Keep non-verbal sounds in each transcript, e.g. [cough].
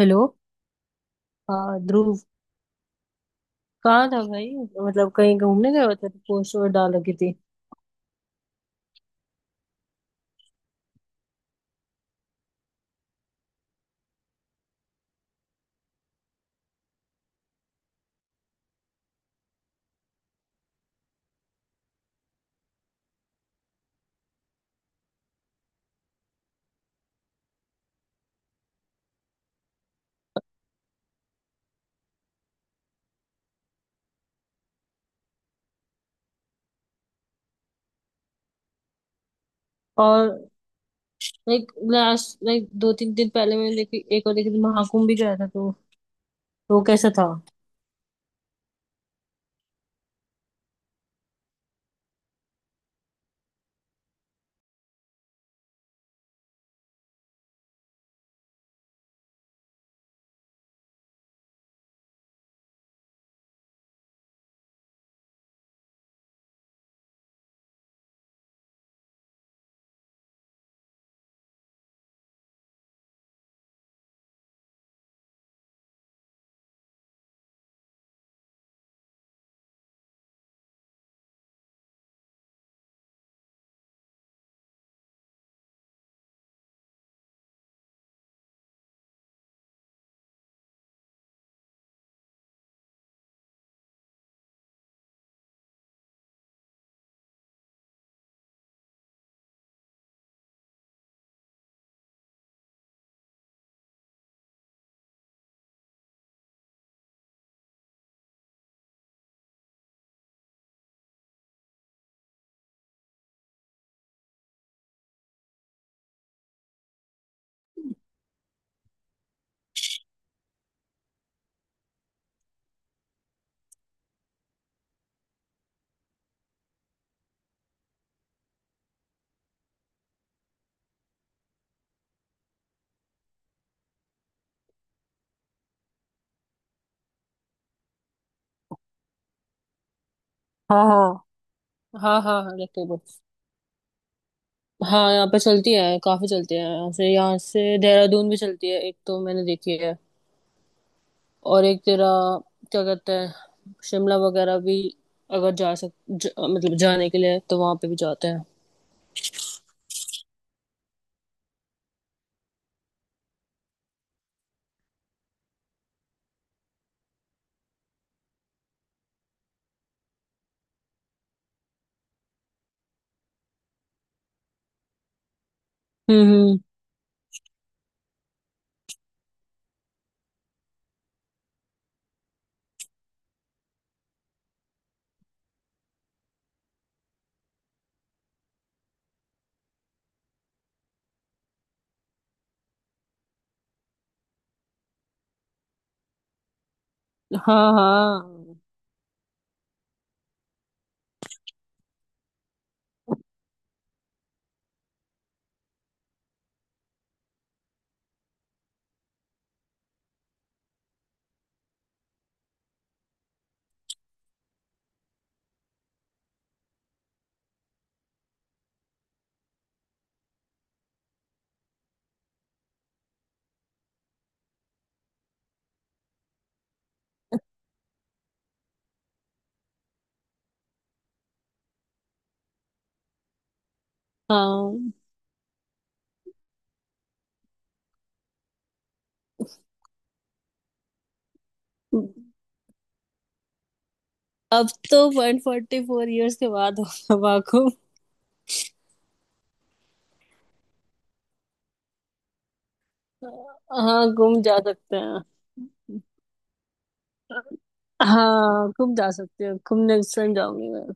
Hello. हाँ ध्रुव, कहाँ था भाई? मतलब कहीं घूमने गए होते तो पोस्ट और डाल रखी थी। और लाइक लास्ट लाइक 2-3 दिन पहले मैंने देखी, एक और देखी थी, महाकुंभ भी गया था तो। तो कैसा था? हाँ हाँ हाँ हाँ। हाँ इलेक्ट्रो। हाँ, यहाँ पे चलती है, काफी चलती है, यहाँ से, यहाँ से देहरादून भी चलती है, एक तो मैंने देखी है। और एक तेरा क्या कहते हैं, शिमला वगैरह भी, अगर मतलब जाने के लिए तो वहां पे भी जाते हैं। हम्म। हम्म। हाँ हाँ हाँ। अब तो 144 ईयर्स के बाद होगा वाकुम। हाँ गुम जा सकते हैं। हाँ गुम जा सकते हैं, गुम नेक्स्ट टाइम जाऊंगी मैं।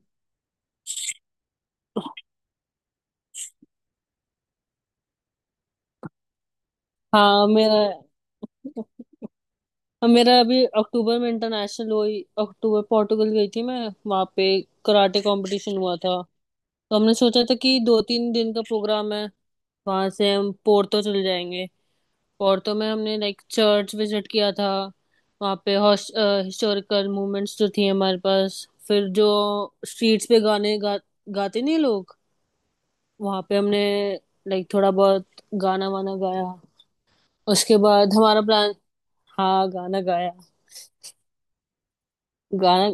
हाँ मेरा, मेरा अभी अक्टूबर में इंटरनेशनल हुई, अक्टूबर पोर्टुगल गई थी मैं। वहाँ पे कराटे कंपटीशन हुआ था। तो हमने सोचा था कि 2-3 दिन का प्रोग्राम है, वहां से हम पोर्तो चले जाएंगे। पोर्टो में हमने लाइक चर्च विजिट किया था। वहाँ पे हिस्टोरिकल मूवमेंट्स जो थी हमारे पास, फिर जो स्ट्रीट्स पे गाते नहीं लोग, वहाँ पे हमने लाइक थोड़ा बहुत गाना वाना गाया। उसके बाद हमारा प्लान। हाँ गाना गाया। गाना,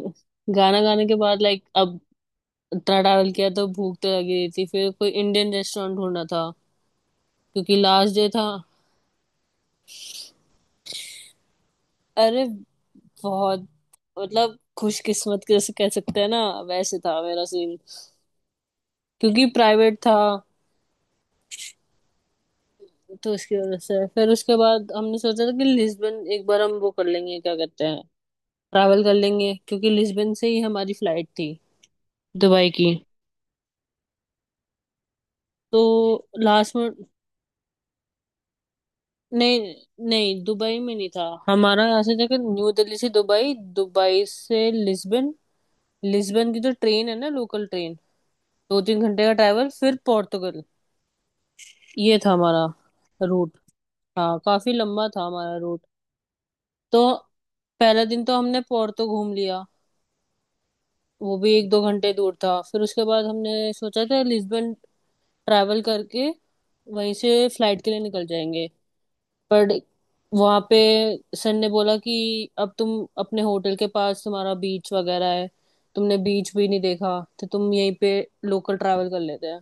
गाना गाने के बाद लाइक, अब इतना ट्रैवल किया तो भूख तो लगी रही थी, फिर कोई इंडियन रेस्टोरेंट ढूंढना था, क्योंकि लास्ट डे था। अरे बहुत, मतलब खुशकिस्मत कैसे कह सकते हैं ना, वैसे था मेरा सीन, क्योंकि प्राइवेट था। तो इसकी वजह से फिर उसके बाद हमने सोचा था कि लिस्बन एक बार हम वो कर लेंगे, क्या कहते हैं, ट्रैवल कर लेंगे, क्योंकि लिस्बन से ही हमारी फ्लाइट थी दुबई की। तो लास्ट में नहीं, नहीं दुबई में नहीं था। हमारा यहाँ से जाकर न्यू दिल्ली से दुबई, दुबई से लिस्बन, लिस्बन की जो ट्रेन है ना, लोकल ट्रेन, 2-3 घंटे का ट्रैवल, फिर पोर्टुगल। ये था हमारा रूट। हाँ काफी लंबा था हमारा रूट। तो पहला दिन तो हमने पोर्to घूम लिया, वो भी 1-2 घंटे दूर था। फिर उसके बाद हमने सोचा था लिस्बन ट्रैवल करके वहीं से फ्लाइट के लिए निकल जाएंगे। पर वहाँ पे सन ने बोला कि अब तुम, अपने होटल के पास तुम्हारा बीच वगैरह है, तुमने बीच भी नहीं देखा, तो तुम यहीं पे लोकल ट्रैवल कर लेते हैं।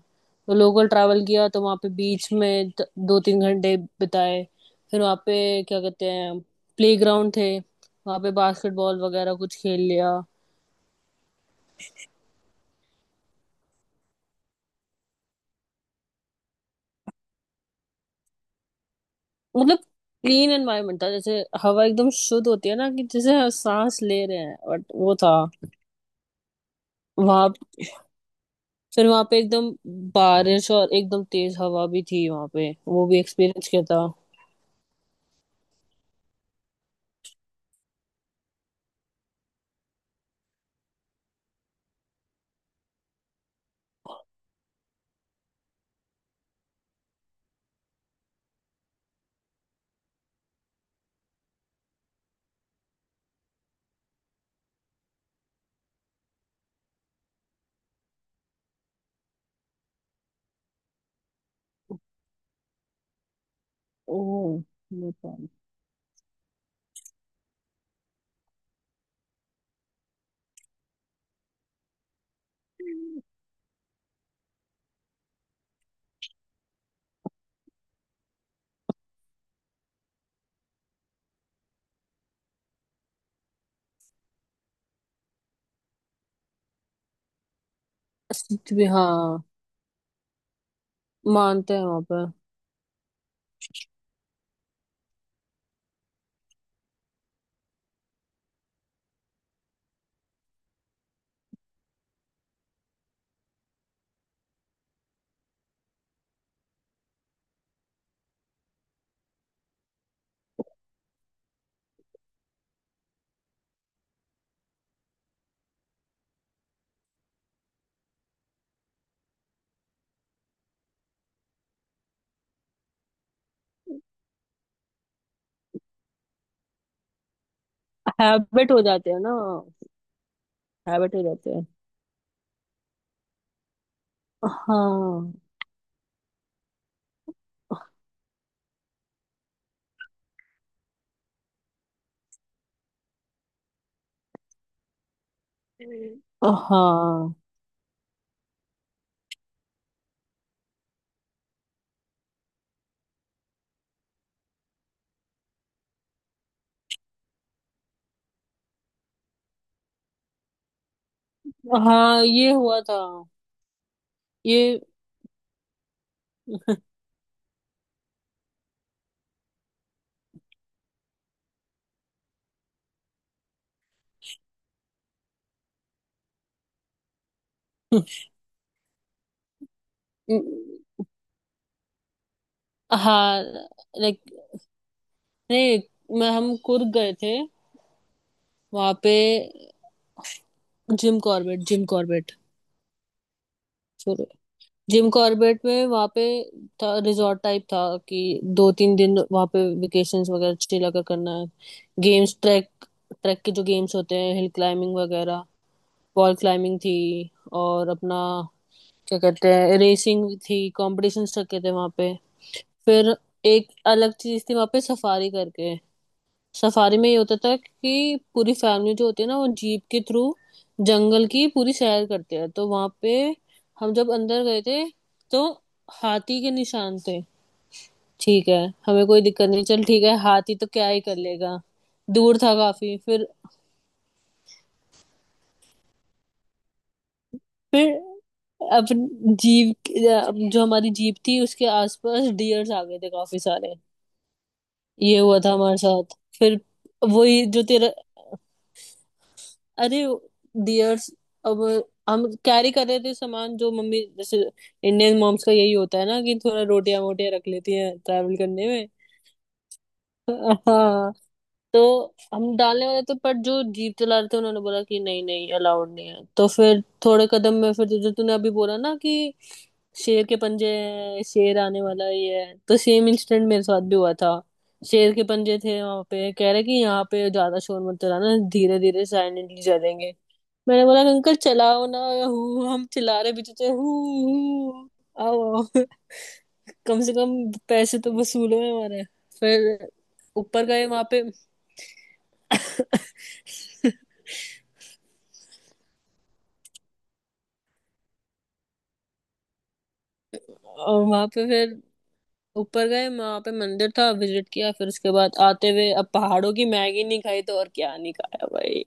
तो लोकल ट्रैवल किया तो वहाँ पे बीच में 2-3 घंटे बिताए। फिर वहाँ पे क्या कहते हैं, प्ले ग्राउंड थे वहाँ पे, बास्केटबॉल वगैरह कुछ खेल लिया। मतलब क्लीन एनवायरनमेंट था, जैसे हवा एकदम शुद्ध होती है ना, कि जैसे हम सांस ले रहे हैं, बट वो था वहां। फिर वहां पे एकदम बारिश और एकदम तेज हवा भी थी वहां पे, वो भी एक्सपीरियंस किया था। ओह। नेपाल। सच में, हाँ। मानते हैं वहां पे। हैबिट हो जाते हैं ना। हैबिट हो जाते हैं। हाँ। हाँ हाँ। ये हुआ था। ये। [laughs] हाँ। लाइक, नहीं, मैं, हम कुर्ग गए थे। वहां पे Jim Corbett, Jim Corbett, sorry, Jim Corbett में, वहां पे था, रिजॉर्ट टाइप था, कि दो तीन दिन वहां पे वेकेशंस वगैरह चिल अगर करना है। गेम्स ट्रैक, ट्रैक के जो गेम्स होते हैं, हिल क्लाइंबिंग वगैरह, वॉल क्लाइंबिंग थी, और अपना क्या कहते हैं, रेसिंग थी, कॉम्पिटिशन रखे थे वहां पे। फिर एक अलग चीज थी वहां पे, सफारी करके। सफारी में ये होता था कि पूरी फैमिली जो होती है ना वो जीप के थ्रू जंगल की पूरी सैर करते हैं। तो वहां पे हम जब अंदर गए थे तो हाथी के निशान थे। ठीक है, हमें कोई दिक्कत नहीं, चल ठीक है, हाथी तो क्या ही कर लेगा, दूर था काफी। फिर अपनी जीप, जो हमारी जीप थी, उसके आसपास डियर्स आ गए थे काफी सारे। ये हुआ था हमारे साथ। फिर वही जो तेरा, अरे डियर्स, अब, हम कैरी कर रहे थे सामान जो मम्मी, जैसे इंडियन मॉम्स का यही होता है ना कि थोड़ा रोटियां वोटियां रख लेती हैं ट्रैवल करने में। हाँ तो हम डालने वाले थे, पर जो जीप चला रहे थे उन्होंने बोला कि नहीं नहीं अलाउड नहीं है। तो फिर थोड़े कदम में फिर जो तूने अभी बोला ना कि शेर के पंजे हैं, शेर आने वाला ये है, तो सेम इंसिडेंट मेरे साथ भी हुआ था। शेर के पंजे थे वहां पे, कह रहे कि यहाँ पे ज्यादा शोर मत चलाना, धीरे धीरे साइलेंटली चलेंगे। मैंने बोला अंकल चलाओ ना, हु, हम चिल्ला रहे पीछे से, हु हु, आओ आओ। [laughs] कम से कम पैसे तो वसूल हुए हमारे। फिर ऊपर गए वहां पे, और वहां पे फिर ऊपर गए, वहां पे मंदिर था, विजिट किया। फिर उसके बाद आते हुए, अब पहाड़ों की मैगी नहीं खाई तो और क्या नहीं खाया भाई,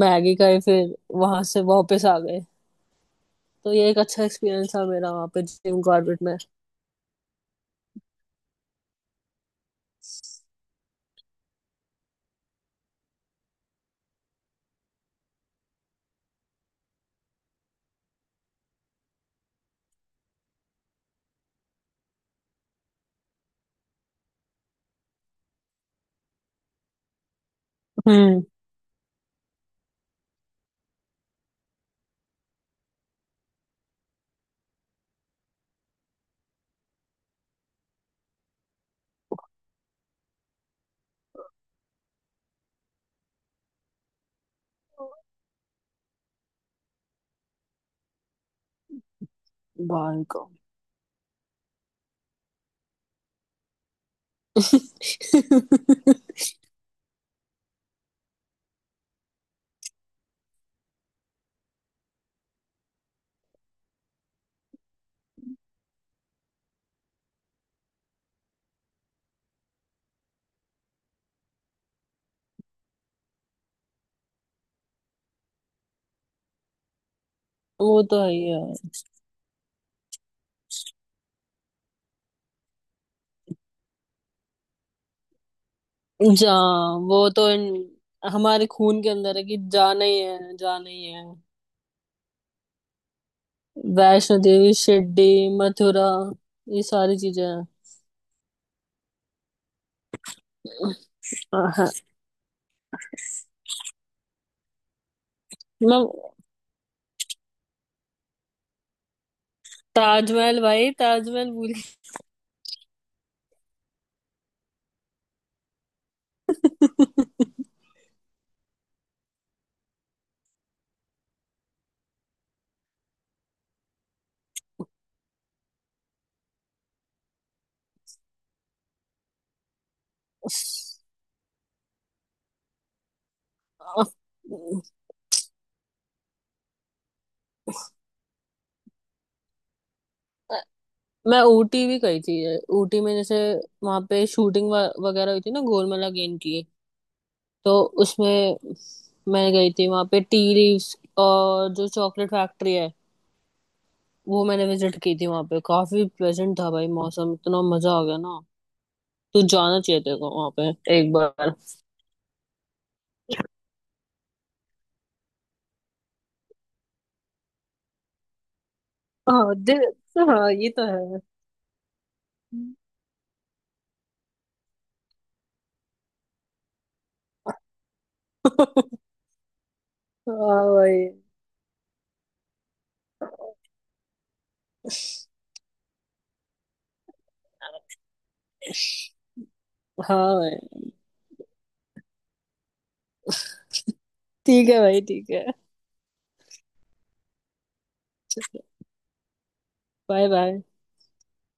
मैगी खाई। फिर वहां से वापस आ गए। तो ये एक अच्छा एक्सपीरियंस था मेरा वहां पे जिम कॉर्बेट में। हम्म। भाई का। [laughs] वो तो है ही है। जा, वो तो इन, हमारे खून के अंदर है कि जाना ही है, जाना ही है। वैष्णो देवी, शिरडी, मथुरा, ये सारी चीजें हैं। हाँ, मैं, ताजमहल, भाई ताजमहल भूल गई। मैं ऊटी भी गई थी। ऊटी में जैसे वहां पे शूटिंग वगैरह हुई थी ना गोलमाला गेम की, तो उसमें मैं गई थी। वहां पे टी लीव्स, और जो चॉकलेट फैक्ट्री है वो मैंने विजिट की थी। वहां पे काफी प्लेजेंट था भाई मौसम, इतना मजा आ गया ना। तू जाना चाहिए तेरे को वहां पे एक बार। हाँ दिल। हाँ ये तो है। [laughs] हाँ भाई, हाँ भाई, ठीक है भाई, ठीक है। Bye bye.